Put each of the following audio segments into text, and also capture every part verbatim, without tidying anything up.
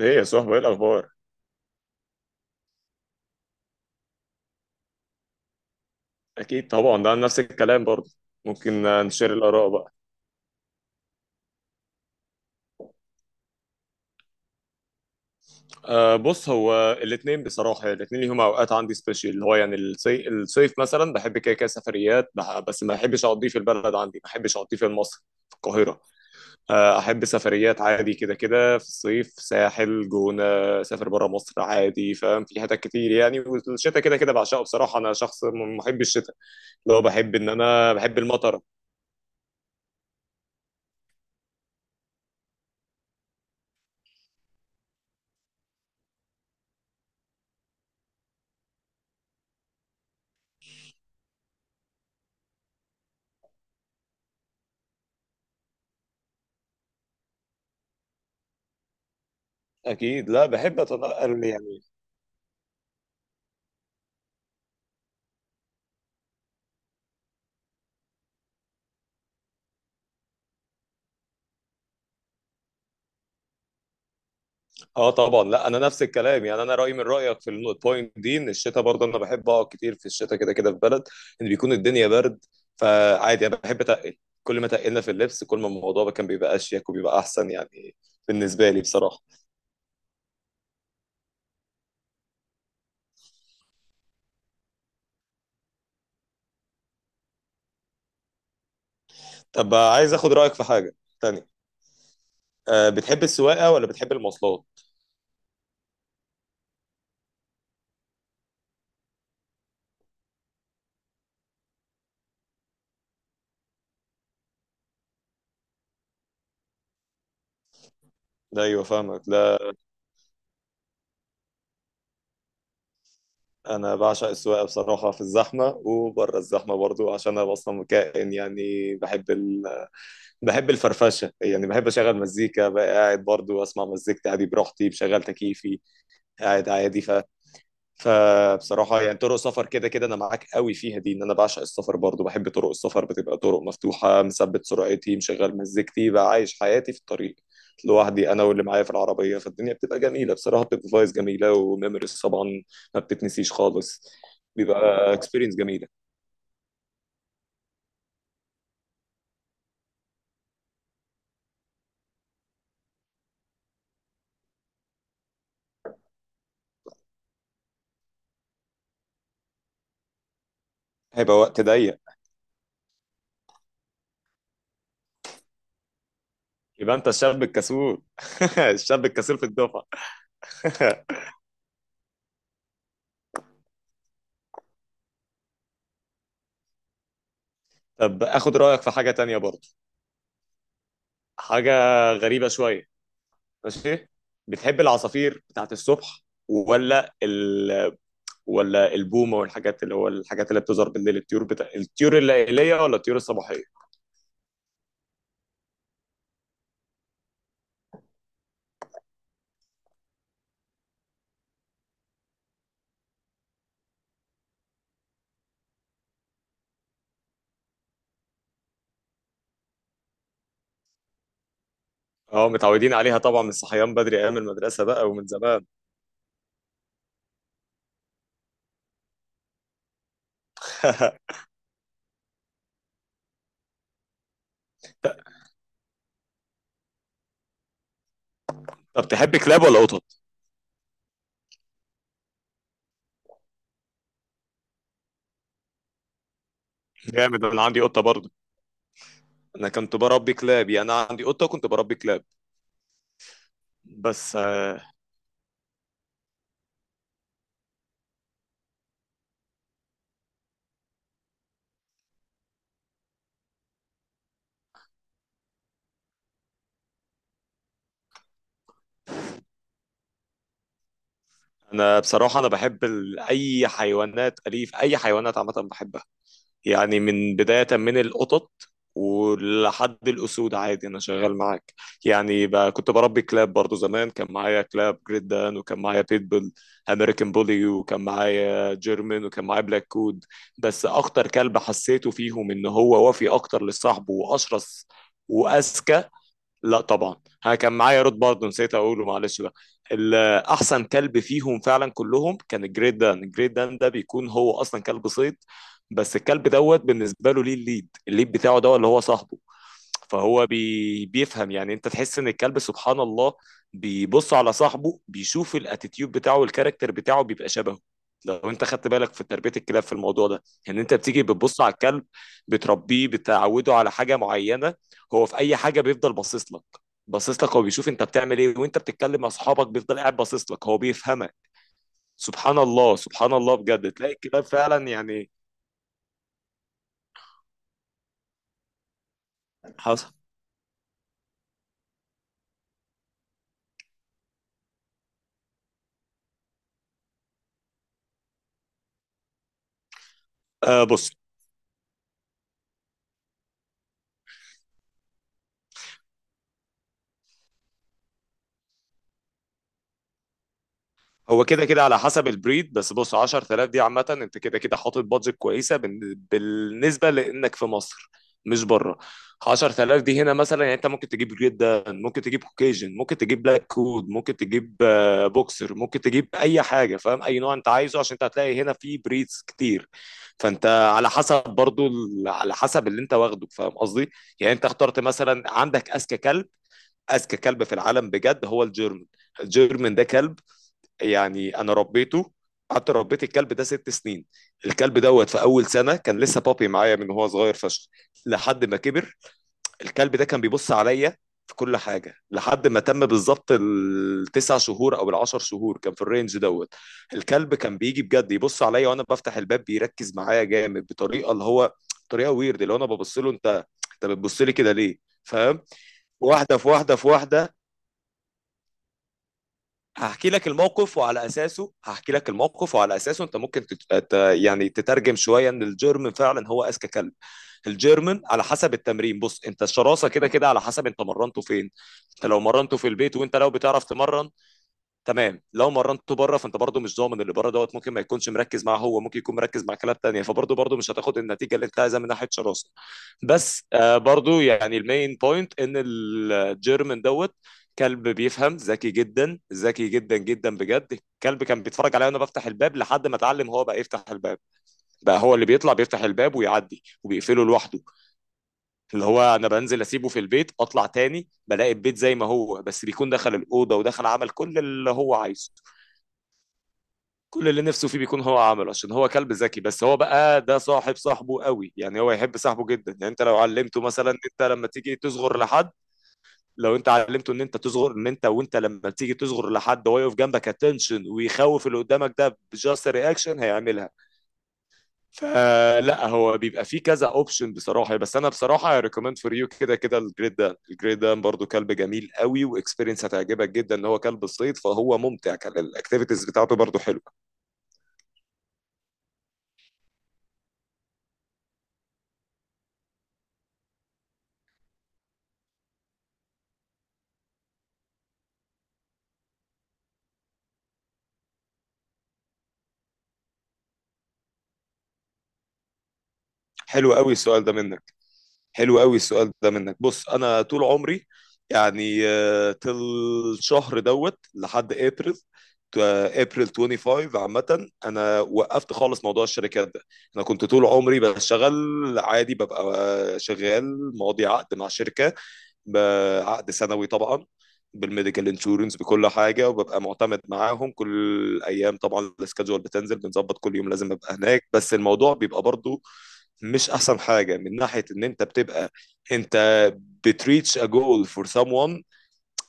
ايه يا صاحبي، ايه الاخبار؟ اكيد طبعا، ده نفس الكلام برضه. ممكن آه، نشير الاراء بقى. أه بص، هو الاثنين بصراحه الاثنين ليهم اوقات عندي سبيشال، اللي هو يعني الصي... الصيف مثلا بحب كده كده سفريات بح... بس ما بحبش اقضيه في البلد، عندي ما بحبش اقضيه في مصر، في القاهره. آه، احب سفريات عادي كده كده في الصيف، ساحل، جونه، سافر بره مصر عادي، فاهم؟ في حتت كتير يعني، والشتاء كده كده بعشقه بصراحه. انا شخص م- محب الشتاء، اللي هو بحب ان انا بحب المطر. اكيد، لا بحب اتنقل يعني. اه طبعا، لا انا نفس الكلام يعني، انا رايي من رايك في البوينت دي، ان الشتاء برضه انا بحب اقعد كتير في الشتاء كده كده في بلد ان بيكون الدنيا برد، فعادي انا بحب اتقل. كل ما تقلنا في اللبس كل ما الموضوع كان بيبقى اشيك وبيبقى احسن يعني. بالنسبه لي بصراحه. طب عايز اخد رايك في حاجه تانية. أه بتحب السواقه ولا بتحب المواصلات؟ لا، ايوه فاهمك، لا. انا بعشق السواقه بصراحه في الزحمه وبره الزحمه برضو، عشان انا اصلا كائن يعني بحب بحب الفرفشه يعني، بحب اشغل مزيكا بقى قاعد برضو اسمع مزيكتي عادي براحتي بشغل تكييفي قاعد عادي ف فبصراحه يعني، طرق سفر كده كده انا معاك قوي فيها دي، ان انا بعشق السفر برضو، بحب طرق السفر بتبقى طرق مفتوحه، مثبت سرعتي، مشغل مزيكتي، بقى عايش حياتي في الطريق. لوحدي انا واللي معايا في العربيه، فالدنيا بتبقى جميله بصراحه، بتبقى فايز جميله وميموريز طبعا ما بتتنسيش خالص. بيبقى اكسبيرينس جميله. هيبقى وقت ضيق، يبقى انت الشاب الكسول. الشاب الكسول في الدفعه. طب اخد رايك في حاجه تانية برضه، حاجه غريبه شويه. ماشي. بتحب العصافير بتاعت الصبح ولا ال... ولا البومه والحاجات اللي هو الحاجات اللي بتظهر بالليل، الطيور بتاع، الطيور الليليه ولا الطيور الصباحيه؟ اه، متعودين عليها طبعا من الصحيان بدري ايام المدرسه بقى ومن زمان. طب تحب كلاب ولا قطط؟ جامد، انا عندي قطه برضه. انا كنت بربي كلاب يعني، انا عندي قطه وكنت بربي كلاب. بس آه، انا بصراحه انا بحب ال... اي حيوانات اليف اي حيوانات عامه بحبها، يعني من بداية من القطط ولحد الأسود عادي، أنا شغال معاك. يعني بقى كنت بربي كلاب برضو، زمان كان معايا كلاب جريت دان، وكان معايا بيتبول أمريكان بولي، وكان معايا جيرمن، وكان معايا بلاك كود. بس أخطر كلب حسيته فيهم إن هو وفي أكتر لصاحبه وأشرس وأذكى. لا طبعا، انا كان معايا رود برضه، نسيت اقوله معلش بقى. ال- احسن كلب فيهم فعلا كلهم كان الجريت دان. الجريت دان ده بيكون هو اصلا كلب صيد، بس الكلب دوت بالنسبه له ليه الليد، الليد بتاعه ده اللي هو صاحبه. فهو بي بيفهم، يعني انت تحس ان الكلب سبحان الله بيبص على صاحبه، بيشوف الاتيتيود بتاعه والكاركتر بتاعه بيبقى شبهه. لو انت خدت بالك في تربية الكلاب في الموضوع ده يعني، انت بتيجي بتبص على الكلب، بتربيه، بتعوده على حاجة معينة، هو في اي حاجة بيفضل باصص لك، باصص لك هو بيشوف انت بتعمل ايه. وانت بتتكلم مع اصحابك بيفضل قاعد باصص لك، هو بيفهمك. سبحان الله سبحان الله بجد، تلاقي الكلاب فعلا يعني. حصل. آه بص، هو كده كده على حسب البريد. بس بص، عشر آلاف دي عامة انت كده كده حاطط بادجت كويسة بالن- بالنسبة لانك في مصر مش بره. عشرة آلاف دي هنا مثلا، يعني انت ممكن تجيب جدا، ممكن تجيب كوكيجن، ممكن تجيب بلاك كود، ممكن تجيب آه، بوكسر، ممكن تجيب اي حاجة، فاهم؟ اي نوع انت عايزه عشان انت هتلاقي هنا في بريدز كتير. فانت على حسب برضو ال- على حسب اللي انت واخده، فاهم قصدي؟ يعني انت اخترت مثلا عندك اذكى كلب، اذكى كلب في العالم بجد هو الجيرمن. الجيرمن ده كلب يعني، انا ربيته، قعدت ربيت الكلب ده ست سنين. الكلب دوت في اول سنه كان لسه بابي معايا من هو صغير فشخ لحد ما كبر. الكلب ده كان بيبص عليا في كل حاجه لحد ما تم بالظبط التسع شهور او العشر شهور، كان في الرينج دوت. الكلب كان بيجي بجد يبص عليا وانا بفتح الباب، بيركز معايا جامد بطريقه اللي هو طريقه ويرد اللي هو انا ببص له، انت انت بتبص لي كده ليه؟ فاهم؟ واحده في واحده في واحده، هحكي لك الموقف وعلى اساسه، هحكي لك الموقف وعلى اساسه انت ممكن تت... ت- يعني تترجم شويه ان الجيرمن فعلا هو اذكى كلب. الجيرمن على حسب التمرين، بص انت الشراسه كده كده على حسب انت مرنته فين، انت لو مرنته في البيت وانت لو بتعرف تمرن، تمام. لو مرنته بره فانت برضه مش ضامن اللي بره دوت، ممكن ما يكونش مركز مع هو، ممكن يكون مركز مع كلاب تانية، فبرضه برضه مش هتاخد النتيجه اللي انت عايزها من ناحيه شراسه. بس آه برضه يعني المين بوينت ان الجيرمن دوت كلب بيفهم، ذكي جدا ذكي جدا جدا بجد. الكلب كان بيتفرج عليا وانا بفتح الباب لحد ما اتعلم، هو بقى يفتح الباب، بقى هو اللي بيطلع بيفتح الباب ويعدي وبيقفله لوحده. اللي هو انا بنزل اسيبه في البيت، اطلع تاني بلاقي البيت زي ما هو، بس بيكون دخل الاوضه ودخل عمل كل اللي هو عايزه، كل اللي نفسه فيه بيكون هو عمله عشان هو كلب ذكي. بس هو بقى ده صاحب صاحبه قوي يعني، هو يحب صاحبه جدا يعني. انت لو علمته مثلا انت لما تيجي تصغر لحد، لو انت علمته ان انت تصغر ان انت وانت لما تيجي تصغر لحد هو يقف جنبك اتنشن ويخوف اللي قدامك، ده بجاست رياكشن هيعملها. فلا هو بيبقى فيه كذا اوبشن بصراحه. بس انا بصراحه اي ريكومند فور يو كده كده الجريت دان. الجريت دان برضو كلب جميل قوي واكسبيرينس هتعجبك جدا، ان هو كلب صيد، فهو ممتع، كان الاكتيفيتيز بتاعته برضو حلوه. حلو قوي السؤال ده منك، حلو قوي السؤال ده منك. بص انا طول عمري يعني آه، تل شهر دوت لحد ابريل، آه، ابريل خمسة وعشرين عامة انا وقفت خالص موضوع الشركات ده. انا كنت طول عمري بشتغل عادي، ببقى آه، شغال ماضي عقد مع شركة بعقد سنوي طبعا، بالميديكال انشورنس بكل حاجة، وببقى معتمد معاهم كل ايام طبعا، السكادجول بتنزل بنظبط كل يوم لازم ابقى هناك. بس الموضوع بيبقى برضو مش احسن حاجه من ناحيه ان انت بتبقى، انت بتريتش ا جول فور سام ون،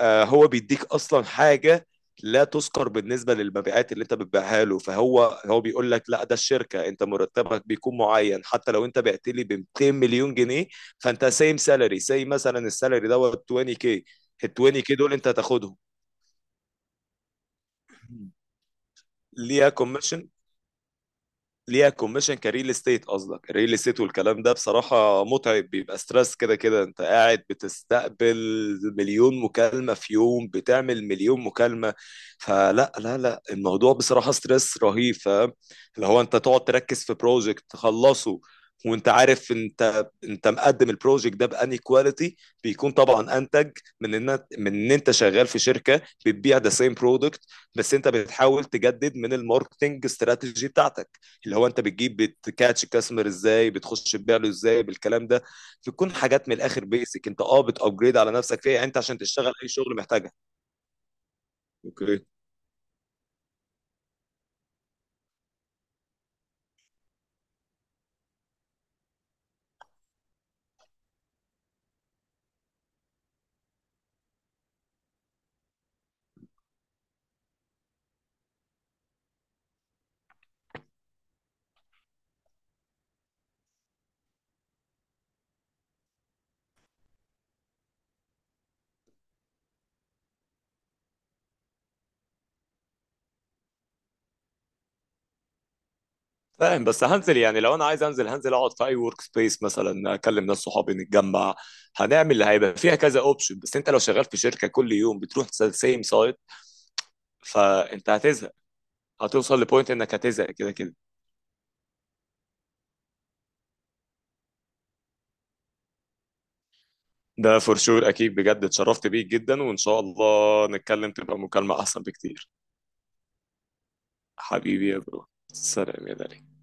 هو بيديك اصلا حاجه لا تذكر بالنسبه للمبيعات اللي انت بتبيعها له. فهو هو بيقول لك، لا ده الشركه انت مرتبك بيكون معين حتى لو انت بعت لي ب مئتين مليون جنيه، فانت سيم سالري، سي مثلا السالري دوت عشرين كي، ال عشرين كي دول انت هتاخدهم. ليها كوميشن، ليها كوميشن كريل استيت، قصدك الريل استيت، والكلام ده بصراحة متعب، بيبقى ستريس كده كده، انت قاعد بتستقبل مليون مكالمة في يوم، بتعمل مليون مكالمة. فلا لا لا، الموضوع بصراحة ستريس رهيب، فاهم؟ اللي هو انت تقعد تركز في بروجكت تخلصه وانت عارف، انت انت مقدم البروجكت ده بأني كواليتي، بيكون طبعا انتج من ان من ان انت شغال في شركة بتبيع ذا سيم برودكت، بس انت بتحاول تجدد من الماركتنج استراتيجي بتاعتك اللي هو انت بتجيب، بتكاتش الكاستمر ازاي، بتخش تبيع له ازاي، بالكلام ده بتكون حاجات من الاخر، بيسك انت اه بتابجريد على نفسك فيها انت عشان تشتغل اي شغل محتاجها. اوكي، فاهم. بس هنزل يعني لو انا عايز انزل، هنزل اقعد في اي ورك سبيس مثلا اكلم ناس صحابي نتجمع هنعمل، اللي هيبقى فيها كذا اوبشن. بس انت لو شغال في شركه كل يوم بتروح سيم سايت، فانت هتزهق، هتوصل لبوينت انك هتزهق كده كده. ده فور شور اكيد بجد، اتشرفت بيك جدا وان شاء الله نتكلم تبقى مكالمه احسن بكتير. حبيبي يا برو، سلام يا دلال.